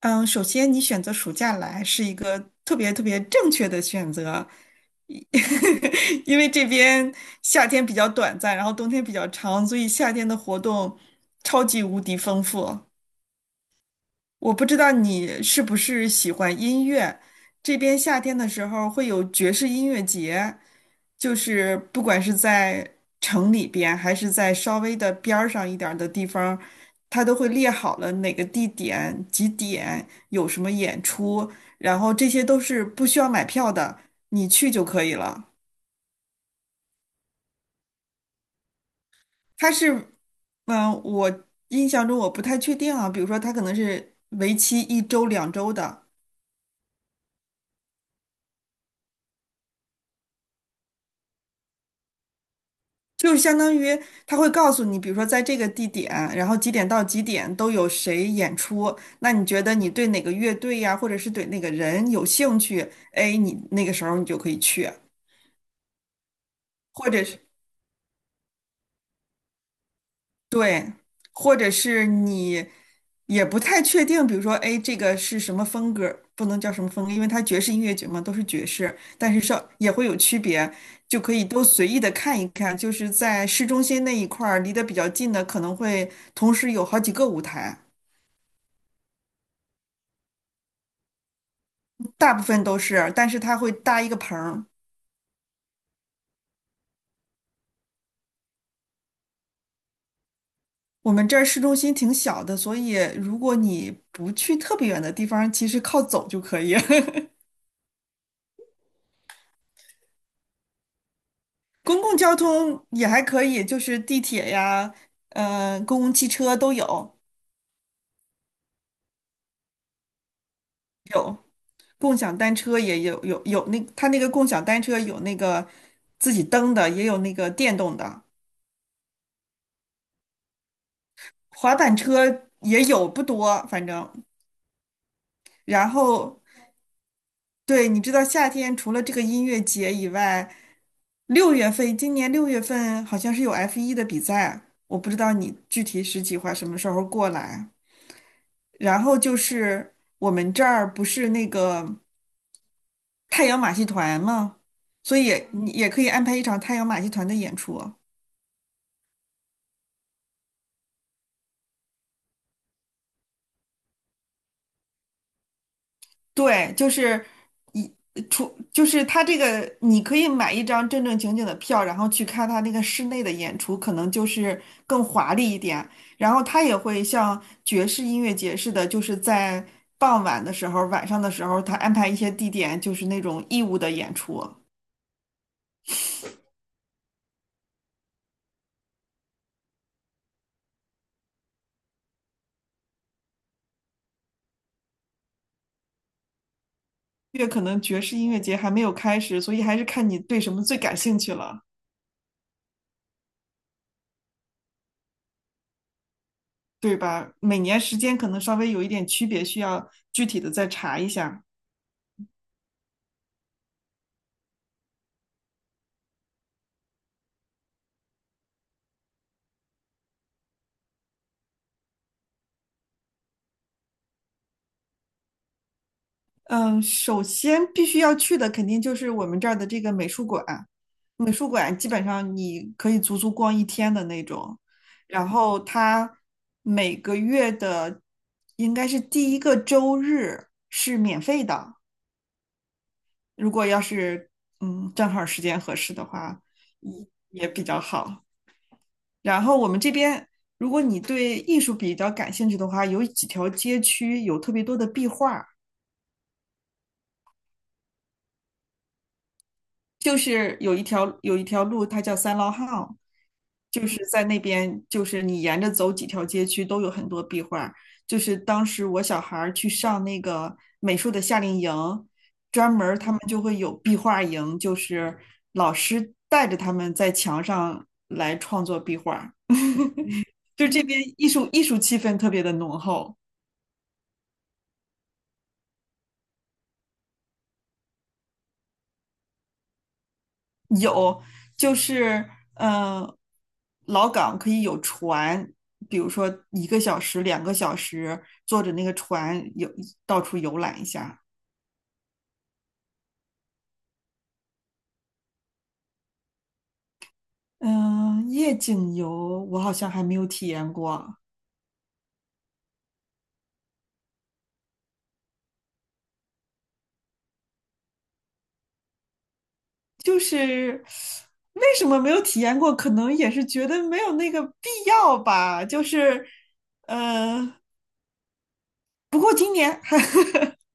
嗯，首先你选择暑假来是一个特别特别正确的选择，一 因为这边夏天比较短暂，然后冬天比较长，所以夏天的活动超级无敌丰富。我不知道你是不是喜欢音乐，这边夏天的时候会有爵士音乐节，就是不管是在城里边，还是在稍微的边儿上一点儿的地方，它都会列好了哪个地点、几点有什么演出，然后这些都是不需要买票的，你去就可以了。它是，嗯，我印象中我不太确定啊，比如说它可能是为期1周、2周的。就是相当于他会告诉你，比如说在这个地点，然后几点到几点都有谁演出。那你觉得你对哪个乐队呀，或者是对哪个人有兴趣？哎，你那个时候你就可以去，或者是。对，或者是你也不太确定，比如说，哎，这个是什么风格，不能叫什么风格，因为它爵士音乐节嘛，都是爵士，但是稍也会有区别，就可以都随意的看一看。就是在市中心那一块儿，离得比较近的，可能会同时有好几个舞台，大部分都是，但是它会搭一个棚儿。我们这儿市中心挺小的，所以如果你不去特别远的地方，其实靠走就可以。公共交通也还可以，就是地铁呀，公共汽车都有，有共享单车也有，有那它那个共享单车有那个自己蹬的，也有那个电动的，滑板车也有，不多，反正。然后，对，你知道夏天除了这个音乐节以外，六月份，今年六月份好像是有 F1的比赛，我不知道你具体是计划什么时候过来。然后就是我们这儿不是那个太阳马戏团嘛，所以你也可以安排一场太阳马戏团的演出。对，就是一出就是他这个，你可以买一张正正经经的票，然后去看他那个室内的演出，可能就是更华丽一点。然后他也会像爵士音乐节似的，就是在傍晚的时候、晚上的时候，他安排一些地点，就是那种义务的演出。因为可能爵士音乐节还没有开始，所以还是看你对什么最感兴趣了。对吧？每年时间可能稍微有一点区别，需要具体的再查一下。嗯，首先必须要去的肯定就是我们这儿的这个美术馆，美术馆基本上你可以足足逛一天的那种。然后它每个月的应该是第一个周日是免费的，如果要是正好时间合适的话，也比较好。然后我们这边，如果你对艺术比较感兴趣的话，有几条街区有特别多的壁画，就是有一条路，它叫三老巷，就是在那边，就是你沿着走几条街区都有很多壁画。就是当时我小孩儿去上那个美术的夏令营，专门儿他们就会有壁画营，就是老师带着他们在墙上来创作壁画，就这边艺术气氛特别的浓厚。有，就是呃，老港可以有船，比如说1个小时、2个小时，坐着那个船游到处游览一下。嗯、夜景游我好像还没有体验过，就是为什么没有体验过？可能也是觉得没有那个必要吧。就是，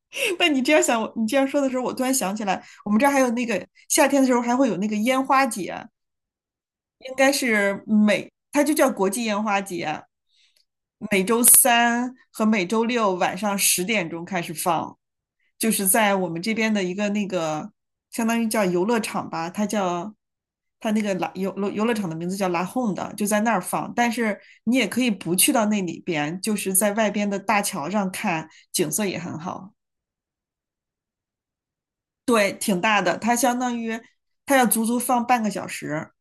但你这样想，你这样说的时候，我突然想起来，我们这儿还有那个夏天的时候还会有那个烟花节。应该是每，它就叫国际烟花节，每周三和每周六晚上10点钟开始放，就是在我们这边的一个那个相当于叫游乐场吧，它叫它那个拉游乐场的名字叫拉 home 的，就在那儿放。但是你也可以不去到那里边，就是在外边的大桥上看，景色也很好。对，挺大的，它相当于它要足足放半个小时。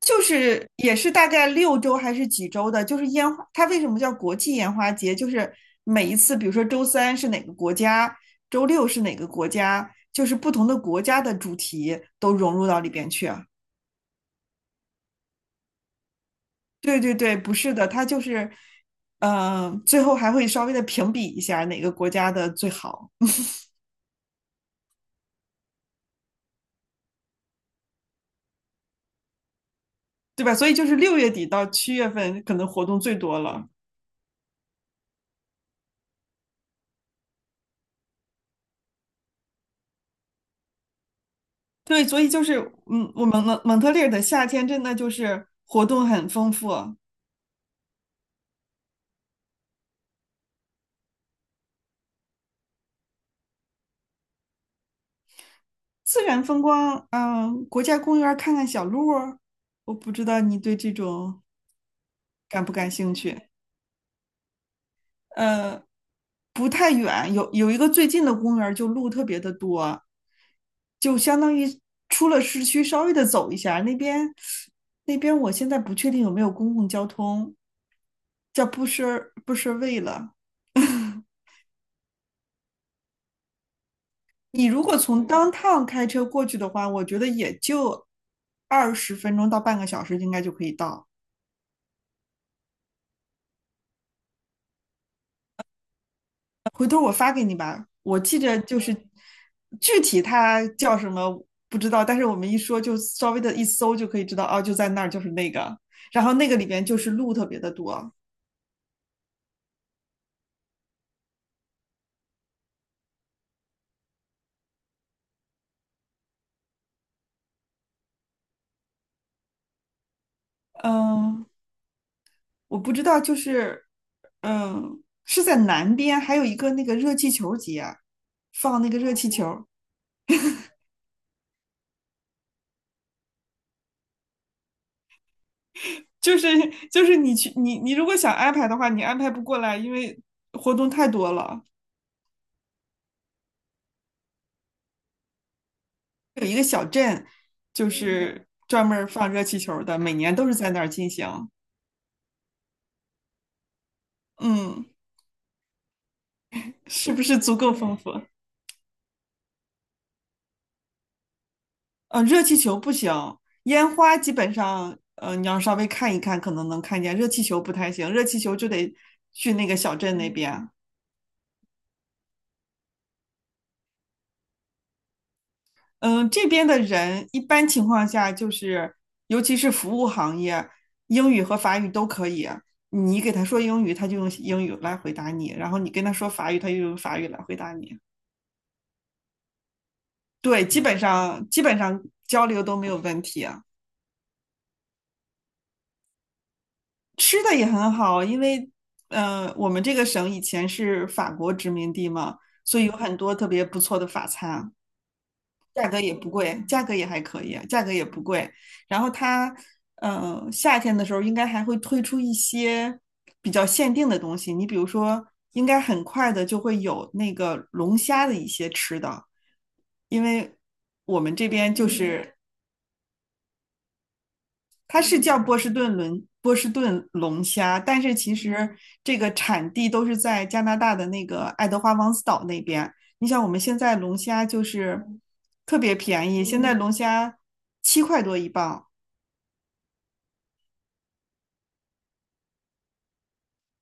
就是也是大概6周还是几周的，就是烟花，它为什么叫国际烟花节？就是每一次，比如说周三是哪个国家，周六是哪个国家，就是不同的国家的主题都融入到里边去啊。对对对，不是的，它就是，最后还会稍微的评比一下哪个国家的最好，对吧？所以就是6月底到7月份可能活动最多了。对，所以就是，嗯，我们蒙特利尔的夏天真的就是活动很丰富。自然风光，国家公园儿看看小鹿儿我不知道你对这种感不感兴趣。呃，不太远，有一个最近的公园儿就路特别的多，就相当于出了市区稍微的走一下，那边我现在不确定有没有公共交通，叫布什卫了。你如果从当趟开车过去的话，我觉得也就20分钟到半个小时应该就可以到。回头我发给你吧。我记着就是具体它叫什么不知道，但是我们一说就稍微的一搜就可以知道，哦，就在那儿，就是那个。然后那个里边就是路特别的多。嗯，我不知道，就是是在南边，还有一个那个热气球节啊，放那个热气球。就是你去你如果想安排的话，你安排不过来，因为活动太多了。有一个小镇，就是专门儿放热气球的，每年都是在那儿进行。嗯，是不是足够丰富？热气球不行，烟花基本上，你要稍微看一看，可能能看见。热气球不太行，热气球就得去那个小镇那边。嗯，这边的人一般情况下就是，尤其是服务行业，英语和法语都可以。你给他说英语，他就用英语来回答你；然后你跟他说法语，他就用法语来回答你。对，基本上交流都没有问题啊。吃的也很好，因为我们这个省以前是法国殖民地嘛，所以有很多特别不错的法餐，价格也不贵，价格也还可以，价格也不贵。然后它夏天的时候应该还会推出一些比较限定的东西，你比如说，应该很快的就会有那个龙虾的一些吃的，因为我们这边就是它是叫波士顿龙虾，但是其实这个产地都是在加拿大的那个爱德华王子岛那边。你想，我们现在龙虾就是特别便宜，现在龙虾7块多1磅，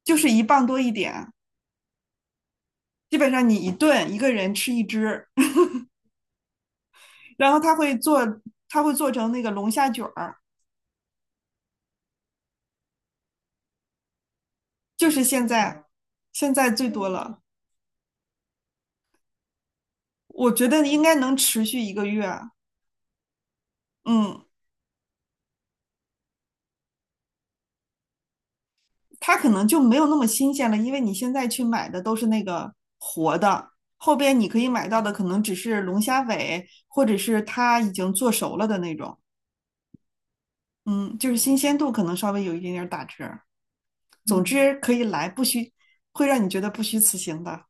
就是1磅多一点，基本上你一顿一个人吃一只，然后它会做，它会做成那个龙虾卷儿，就是现在最多了，我觉得应该能持续1个月啊，嗯。它可能就没有那么新鲜了，因为你现在去买的都是那个活的，后边你可以买到的可能只是龙虾尾，或者是它已经做熟了的那种。嗯，就是新鲜度可能稍微有一点点打折。总之可以来，不虚，会让你觉得不虚此行的。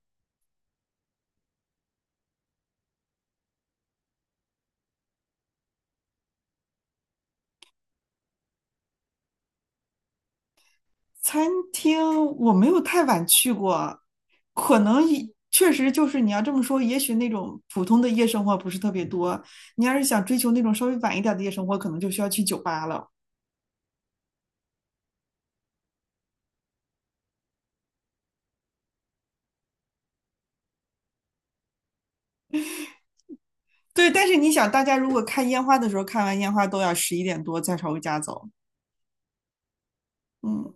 餐厅我没有太晚去过，可能也确实就是你要这么说，也许那种普通的夜生活不是特别多。你要是想追求那种稍微晚一点的夜生活，可能就需要去酒吧了。对，但是你想，大家如果看烟花的时候，看完烟花都要11点多再朝回家走，嗯，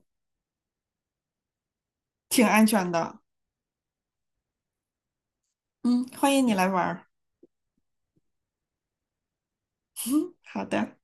挺安全的，嗯，欢迎你来玩嗯，好的。